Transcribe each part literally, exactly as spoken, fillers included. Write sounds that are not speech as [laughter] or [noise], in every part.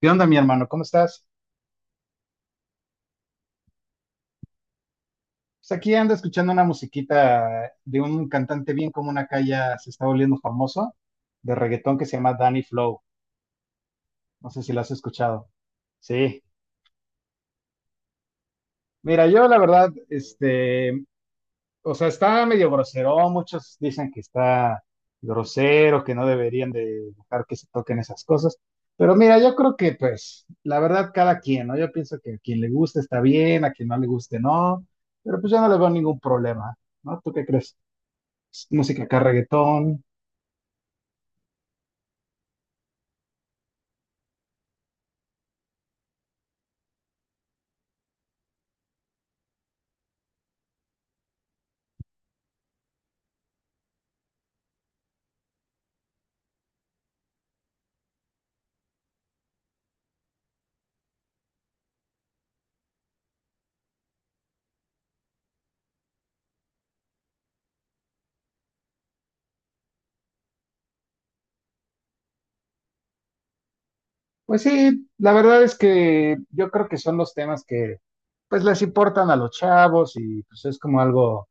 ¿Qué onda, mi hermano? ¿Cómo estás? Pues aquí ando escuchando una musiquita de un cantante bien común acá, ya se está volviendo famoso, de reggaetón, que se llama Danny Flow. No sé si lo has escuchado. Sí. Mira, yo la verdad, este, o sea, está medio grosero. Muchos dicen que está grosero, que no deberían de dejar que se toquen esas cosas. Pero mira, yo creo que, pues, la verdad, cada quien, ¿no? Yo pienso que a quien le guste está bien, a quien no le guste no. Pero pues yo no le veo ningún problema, ¿no? ¿Tú qué crees? Música acá, reggaetón. Pues sí, la verdad es que yo creo que son los temas que pues les importan a los chavos, y pues es como algo,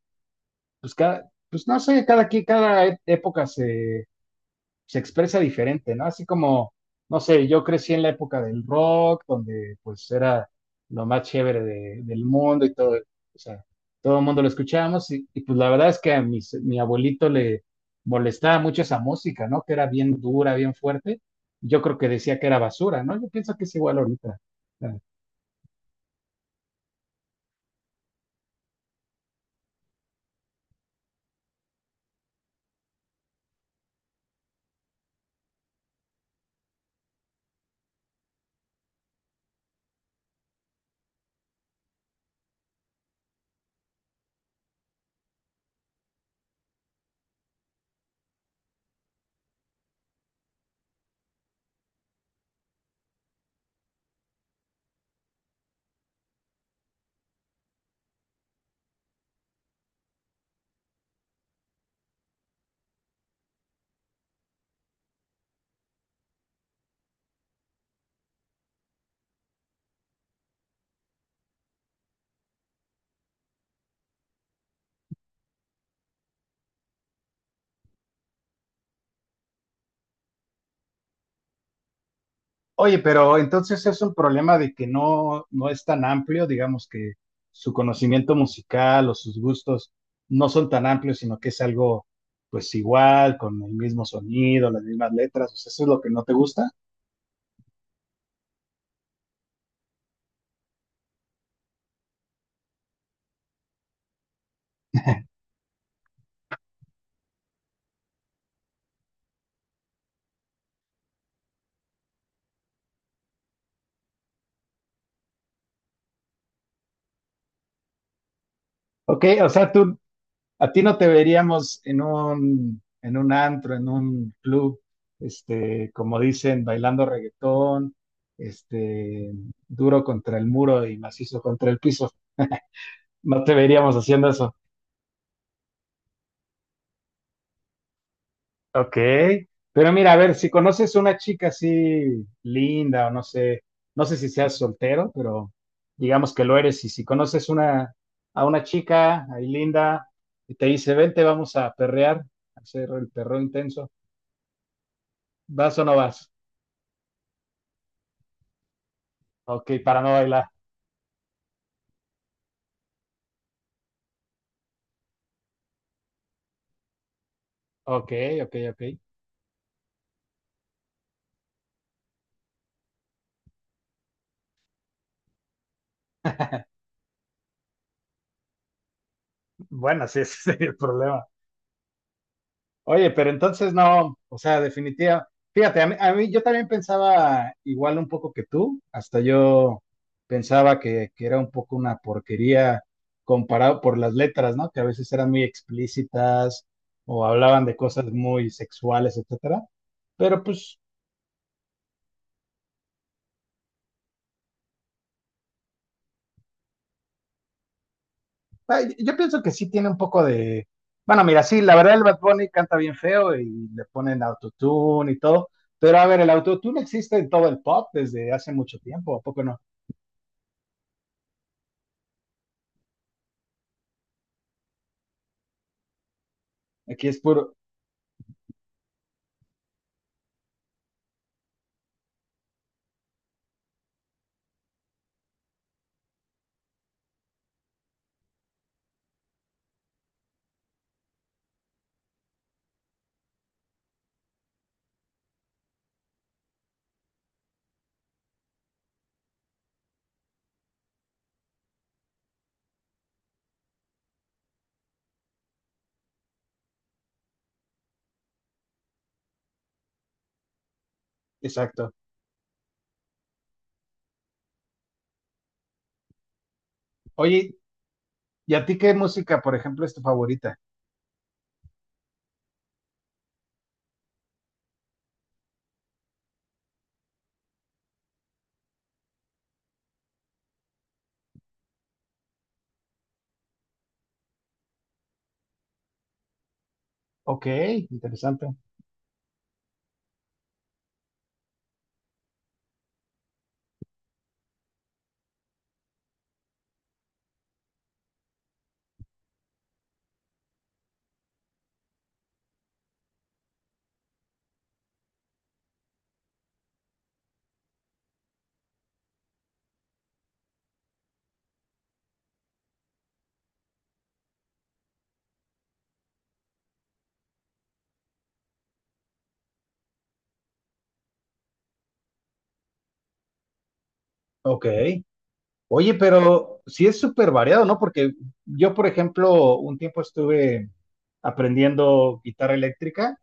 pues cada, pues no sé, cada aquí, cada e- época se, se expresa diferente, ¿no? Así como, no sé, yo crecí en la época del rock, donde pues era lo más chévere de- del mundo y todo, o sea, todo el mundo lo escuchábamos y, y, pues la verdad es que a mis- mi abuelito le molestaba mucho esa música, ¿no? Que era bien dura, bien fuerte. Yo creo que decía que era basura, ¿no? Yo pienso que es igual ahorita. Oye, pero entonces es un problema de que no, no es tan amplio, digamos que su conocimiento musical o sus gustos no son tan amplios, sino que es algo pues igual, con el mismo sonido, las mismas letras, o sea, eso es lo que no te gusta. Ok, o sea, tú, a ti no te veríamos en un, en un antro, en un club, este, como dicen, bailando reggaetón, este, duro contra el muro y macizo contra el piso. No te veríamos haciendo eso. Ok, pero mira, a ver, si conoces una chica así linda, o no sé, no sé si seas soltero, pero digamos que lo eres, y si conoces una, a una chica ahí linda y te dice, vente, vamos a perrear, a hacer el perreo intenso, ¿vas o no vas? Ok, para no bailar. Ok, ok, ok. Bueno, sí, [laughs] ese sería el problema. Oye, pero entonces no, o sea, definitiva. Fíjate, a mí, a mí- yo también pensaba igual un poco que tú, hasta yo pensaba que, que era un poco una porquería comparado por las letras, ¿no? Que a veces eran muy explícitas o hablaban de cosas muy sexuales, etcétera. Pero pues, ay, yo pienso que sí tiene un poco de... Bueno, mira, sí, la verdad el Bad Bunny canta bien feo y le ponen autotune y todo, pero a ver, el autotune existe en todo el pop desde hace mucho tiempo, ¿a poco no? Aquí es puro, exacto. Oye, ¿y a ti qué música, por ejemplo, es tu favorita? Ok, interesante. Ok. Oye, pero sí es súper variado, ¿no? Porque yo, por ejemplo, un tiempo estuve aprendiendo guitarra eléctrica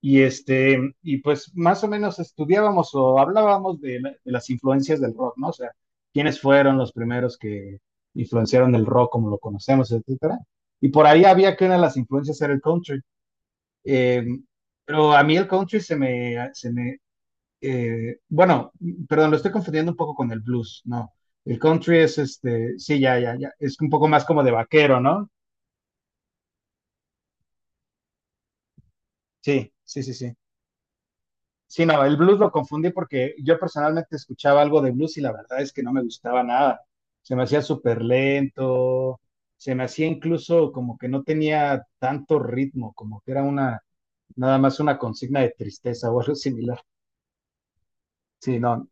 y este, y pues más o menos estudiábamos o hablábamos de, la- de las influencias del rock, ¿no? O sea, quiénes fueron los primeros que influenciaron el rock como lo conocemos, etcétera. Y por ahí había que una de las influencias era el country. Eh, pero a mí el country se me, se me eh, bueno, perdón, lo estoy confundiendo un poco con el blues, ¿no? El country es este, sí, ya, ya, ya, es un poco más como de vaquero, ¿no? Sí, sí, sí, sí. Sí, no, el blues lo confundí porque yo personalmente escuchaba algo de blues y la verdad es que no me gustaba nada. Se me hacía súper lento, se me hacía incluso como que no tenía tanto ritmo, como que era una, nada más una consigna de tristeza o algo similar. Sí, no.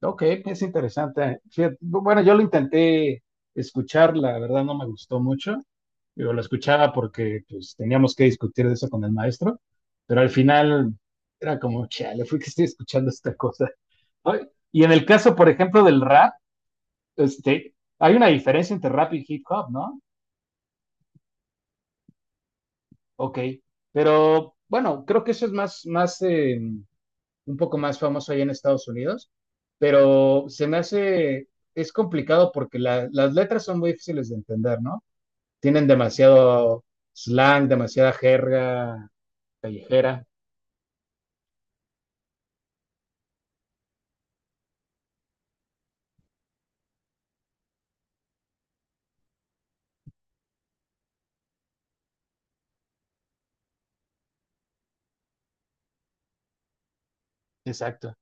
Ok, es interesante. Fíjate, bueno, yo lo intenté escuchar, la verdad no me gustó mucho. Yo lo escuchaba porque pues, teníamos que discutir de eso con el maestro, pero al final era como, chale, fui que estoy escuchando esta cosa. Ay, y en el caso, por ejemplo, del rap, este, hay una diferencia entre rap y hip hop, ¿no? Ok, pero bueno, creo que eso es más, más, eh, un poco más famoso ahí en Estados Unidos, pero se me hace, es complicado porque la- las letras son muy difíciles de entender, ¿no? Tienen demasiado slang, demasiada jerga callejera. Exacto.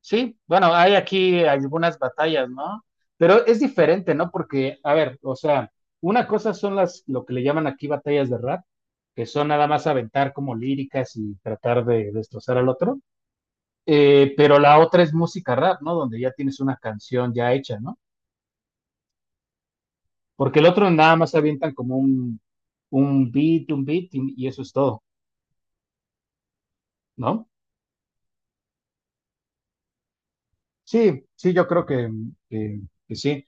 Sí, bueno, hay aquí algunas batallas, ¿no? Pero es diferente, ¿no? Porque, a ver, o sea, una cosa son las, lo que le llaman aquí batallas de rap, que son nada más aventar como líricas y tratar de destrozar al otro. Eh, pero la otra es música rap, ¿no? Donde ya tienes una canción ya hecha, ¿no? Porque el otro nada más avientan como un, un beat, un beat y, y eso es todo, ¿no? Sí, sí, yo creo que, que, que sí.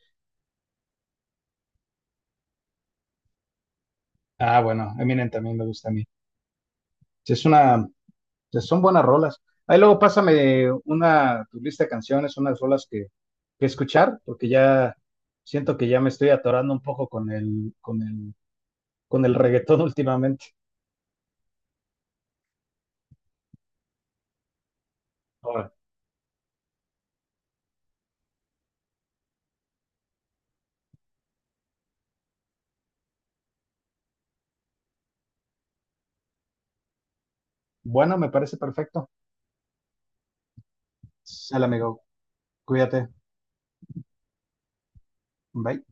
Ah, bueno, Eminem también me gusta a mí. Sí, es una, sí, son buenas rolas. Ahí luego pásame una, tu lista de canciones, unas rolas que, que escuchar, porque ya siento que ya me estoy atorando un poco con el, con el, con el reggaetón [laughs] últimamente. Ahora, bueno, me parece perfecto. Sale, amigo. Cuídate. Bye.